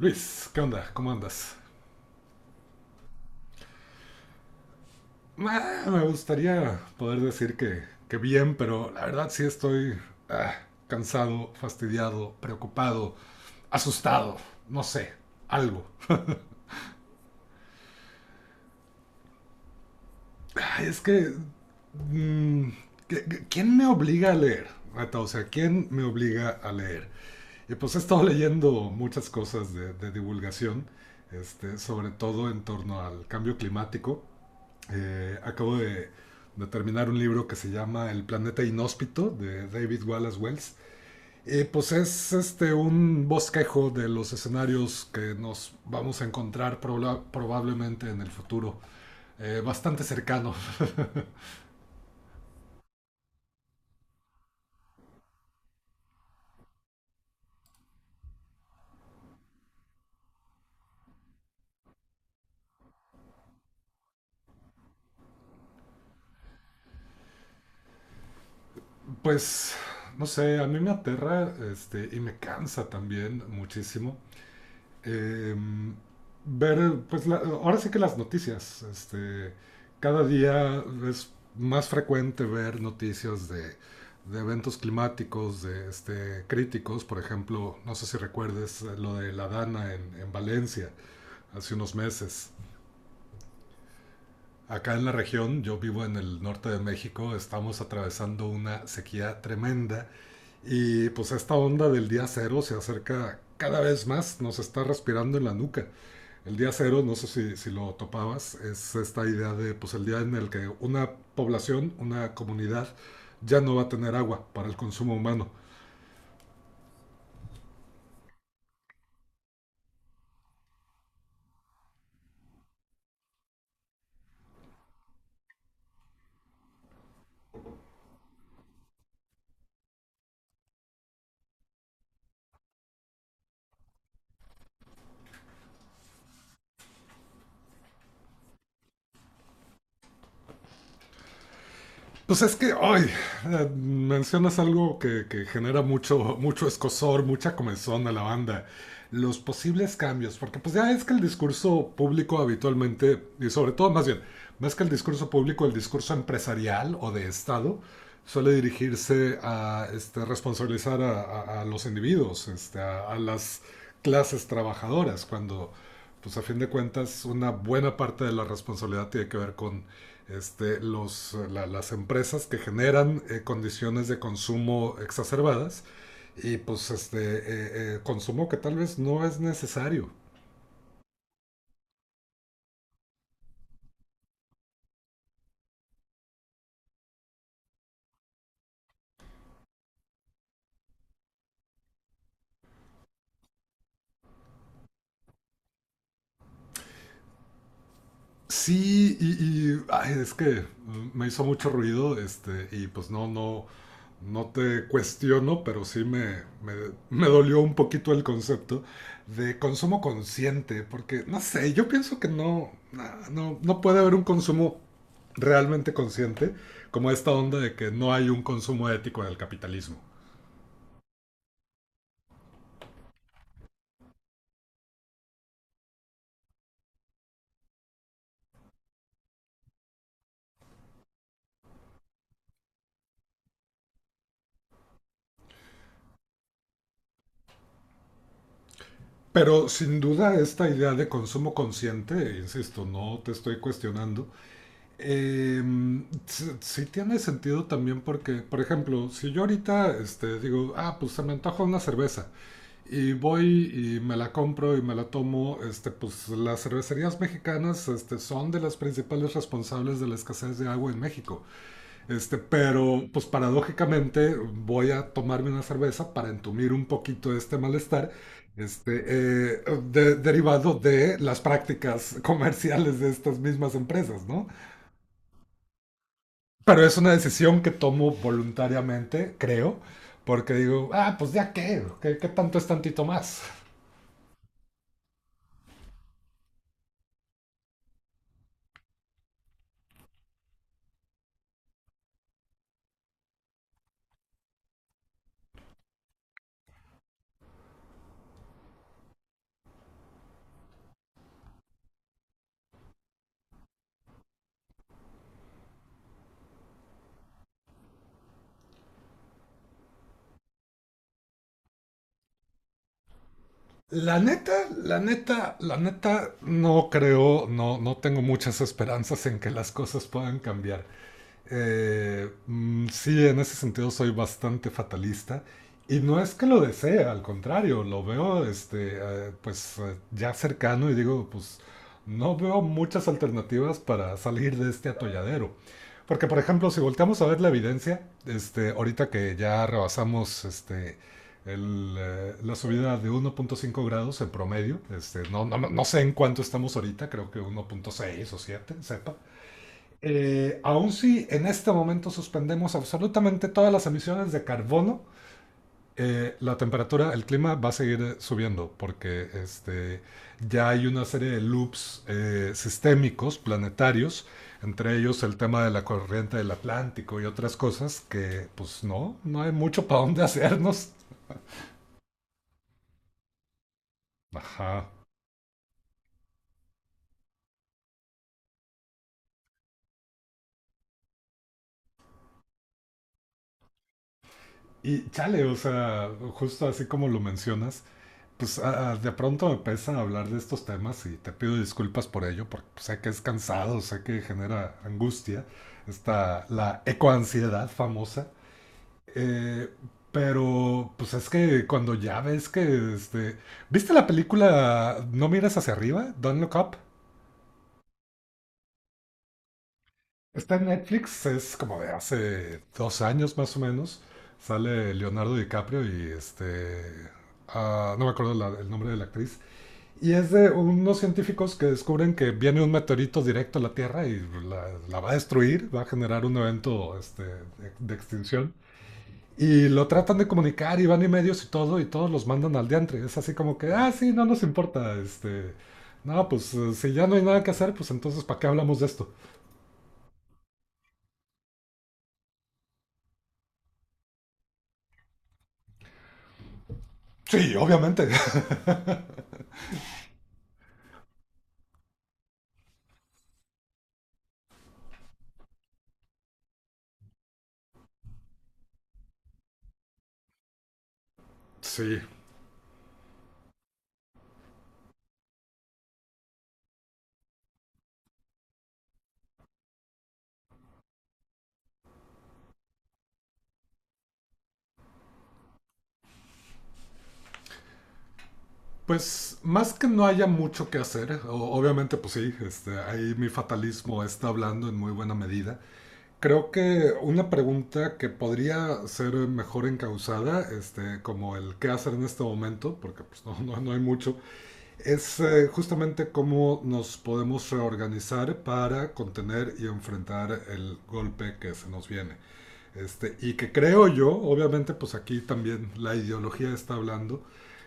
Luis, ¿qué onda? ¿Cómo andas? Me gustaría poder decir que, bien, pero la verdad sí estoy ah, cansado, fastidiado, preocupado, asustado, no sé, algo. Es que... mm, ¿Quién me obliga a leer? Neta, o sea, ¿quién me obliga a leer? Y pues he estado leyendo muchas cosas de divulgación, este, sobre todo en torno al cambio climático. Acabo de terminar un libro que se llama El planeta inhóspito de David Wallace Wells. Pues es este, un bosquejo de los escenarios que nos vamos a encontrar probablemente en el futuro. Bastante cercano. Pues, no sé, a mí me aterra este, y me cansa también muchísimo eh, ver, pues ahora sí que las noticias, este, cada día es más frecuente ver noticias de eventos climáticos, de este, críticos, por ejemplo, no sé si recuerdes lo de la Dana en Valencia hace unos meses. Acá en la región, yo vivo en el norte de México, estamos atravesando una sequía tremenda y pues esta onda del día cero se acerca cada vez más, nos está respirando en la nuca. El día cero, no sé si lo topabas, es esta idea de pues el día en el que una población, una comunidad ya no va a tener agua para el consumo humano. Pues es que hoy mencionas algo que genera mucho, mucho escosor, mucha comezón a la banda. Los posibles cambios, porque pues ya es que el discurso público habitualmente, y sobre todo más bien, más que el discurso público, el discurso empresarial o de Estado, suele dirigirse a este, responsabilizar a los individuos, este, a las clases trabajadoras, cuando pues a fin de cuentas una buena parte de la responsabilidad tiene que ver con este, las empresas que generan condiciones de consumo exacerbadas y pues este consumo que tal vez no es necesario. Sí, ay, es que me hizo mucho ruido, este, y pues no, no, no te cuestiono, pero sí me dolió un poquito el concepto de consumo consciente, porque no sé, yo pienso que no, no, no puede haber un consumo realmente consciente, como esta onda de que no hay un consumo ético en el capitalismo. Pero sin duda esta idea de consumo consciente, insisto, no te estoy cuestionando. Eh, sí, sí tiene sentido también porque, por ejemplo, si yo ahorita este, digo, ah, pues se me antoja una cerveza y voy y me la compro y me la tomo, este, pues las cervecerías mexicanas este, son de las principales responsables de la escasez de agua en México. Este, pero, pues paradójicamente voy a tomarme una cerveza para entumir un poquito este malestar. Este, eh, derivado de las prácticas comerciales de estas mismas empresas, ¿no? Pero es una decisión que tomo voluntariamente, creo, porque digo, ah, pues ya qué, qué tanto es tantito más. La neta, la neta, la neta, no creo, no, no tengo muchas esperanzas en que las cosas puedan cambiar. Mm, sí, en ese sentido soy bastante fatalista. Y no es que lo desee, al contrario, lo veo este, pues ya cercano y digo, pues no veo muchas alternativas para salir de este atolladero. Porque, por ejemplo, si volteamos a ver la evidencia, este, ahorita que ya rebasamos este, la subida de 1.5 grados en promedio, este, no, no, no no sé en cuánto estamos ahorita, creo que 1.6 o 7, sepa. Aun si en este momento suspendemos absolutamente todas las emisiones de carbono, la temperatura, el clima va a seguir subiendo porque este, ya hay una serie de loops sistémicos, planetarios, entre ellos el tema de la corriente del Atlántico y otras cosas que pues no, no hay mucho para dónde hacernos. Ajá. Y chale, o sea, justo así como lo mencionas, pues de pronto me pesa hablar de estos temas y te pido disculpas por ello, porque pues, sé que es cansado, sé que genera angustia, está la ecoansiedad famosa. Eh, pero pues es que cuando ya ves que este, ¿viste la película No mires hacia arriba? Don't look up. Está en Netflix, es como de hace 2 años más o menos. Sale Leonardo DiCaprio y este no me acuerdo el nombre de la actriz. Y es de unos científicos que descubren que viene un meteorito directo a la Tierra y la va a destruir, va a generar un evento este, de extinción. Y lo tratan de comunicar y van y medios y todo, y todos los mandan al diantre. Es así como que, ah, sí, no nos importa, este... No, pues si ya no hay nada que hacer, pues entonces ¿para qué hablamos de esto? Sí, obviamente. Sí. Pues más que no haya mucho que hacer, obviamente pues sí, este, ahí mi fatalismo está hablando en muy buena medida. Creo que una pregunta que podría ser mejor encauzada, este, como el qué hacer en este momento, porque pues, no, no hay mucho, es justamente cómo nos podemos reorganizar para contener y enfrentar el golpe que se nos viene. Este, y que creo yo, obviamente, pues aquí también la ideología está hablando.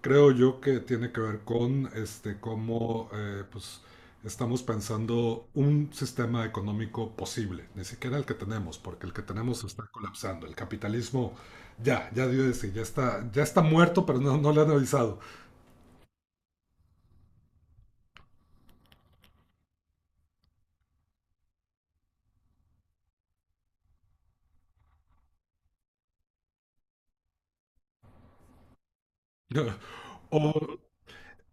Creo yo que tiene que ver con este, cómo pues, estamos pensando un sistema económico posible, ni siquiera el que tenemos, porque el que tenemos se está colapsando. El capitalismo ya, ya dio de sí, ya está muerto, pero no, no le han avisado. O,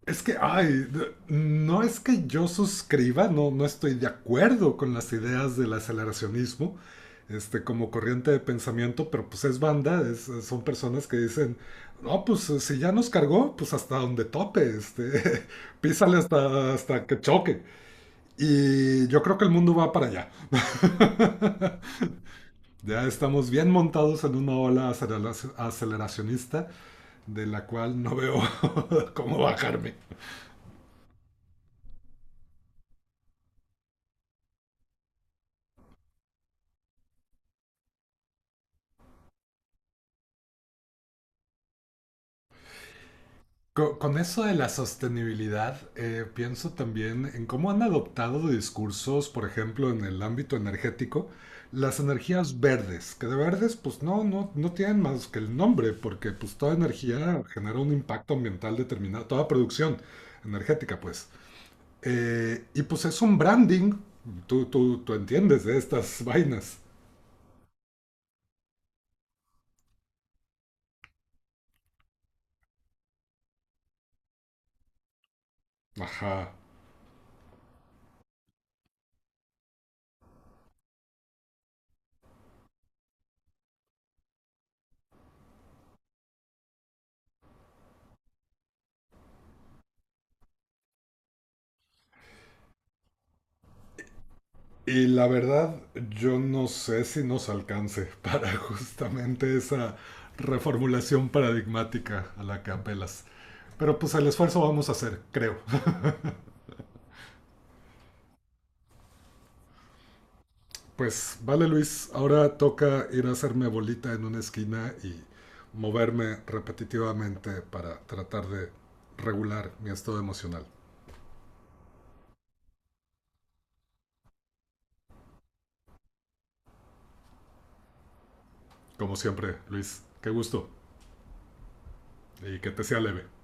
Es que, ay, no es que yo suscriba, no, no estoy de acuerdo con las ideas del aceleracionismo, este, como corriente de pensamiento, pero pues es banda, son personas que dicen, no, pues si ya nos cargó, pues hasta donde tope, este, písale hasta, que choque. Y yo creo que el mundo va para allá. Ya estamos bien montados en una ola aceleracionista de la cual no veo cómo bajarme. Con eso de la sostenibilidad, pienso también en cómo han adoptado discursos, por ejemplo, en el ámbito energético, las energías verdes, que de verdes pues no, no, no tienen más que el nombre, porque pues toda energía genera un impacto ambiental determinado, toda producción energética pues. Y pues es un branding, tú entiendes de estas vainas. Ajá. Y la verdad, yo no sé si nos alcance para justamente esa reformulación paradigmática a la que apelas. Pero pues el esfuerzo vamos a hacer, creo. Pues vale, Luis, ahora toca ir a hacerme bolita en una esquina y moverme repetitivamente para tratar de regular mi estado emocional. Como siempre, Luis, qué gusto, y que te sea leve.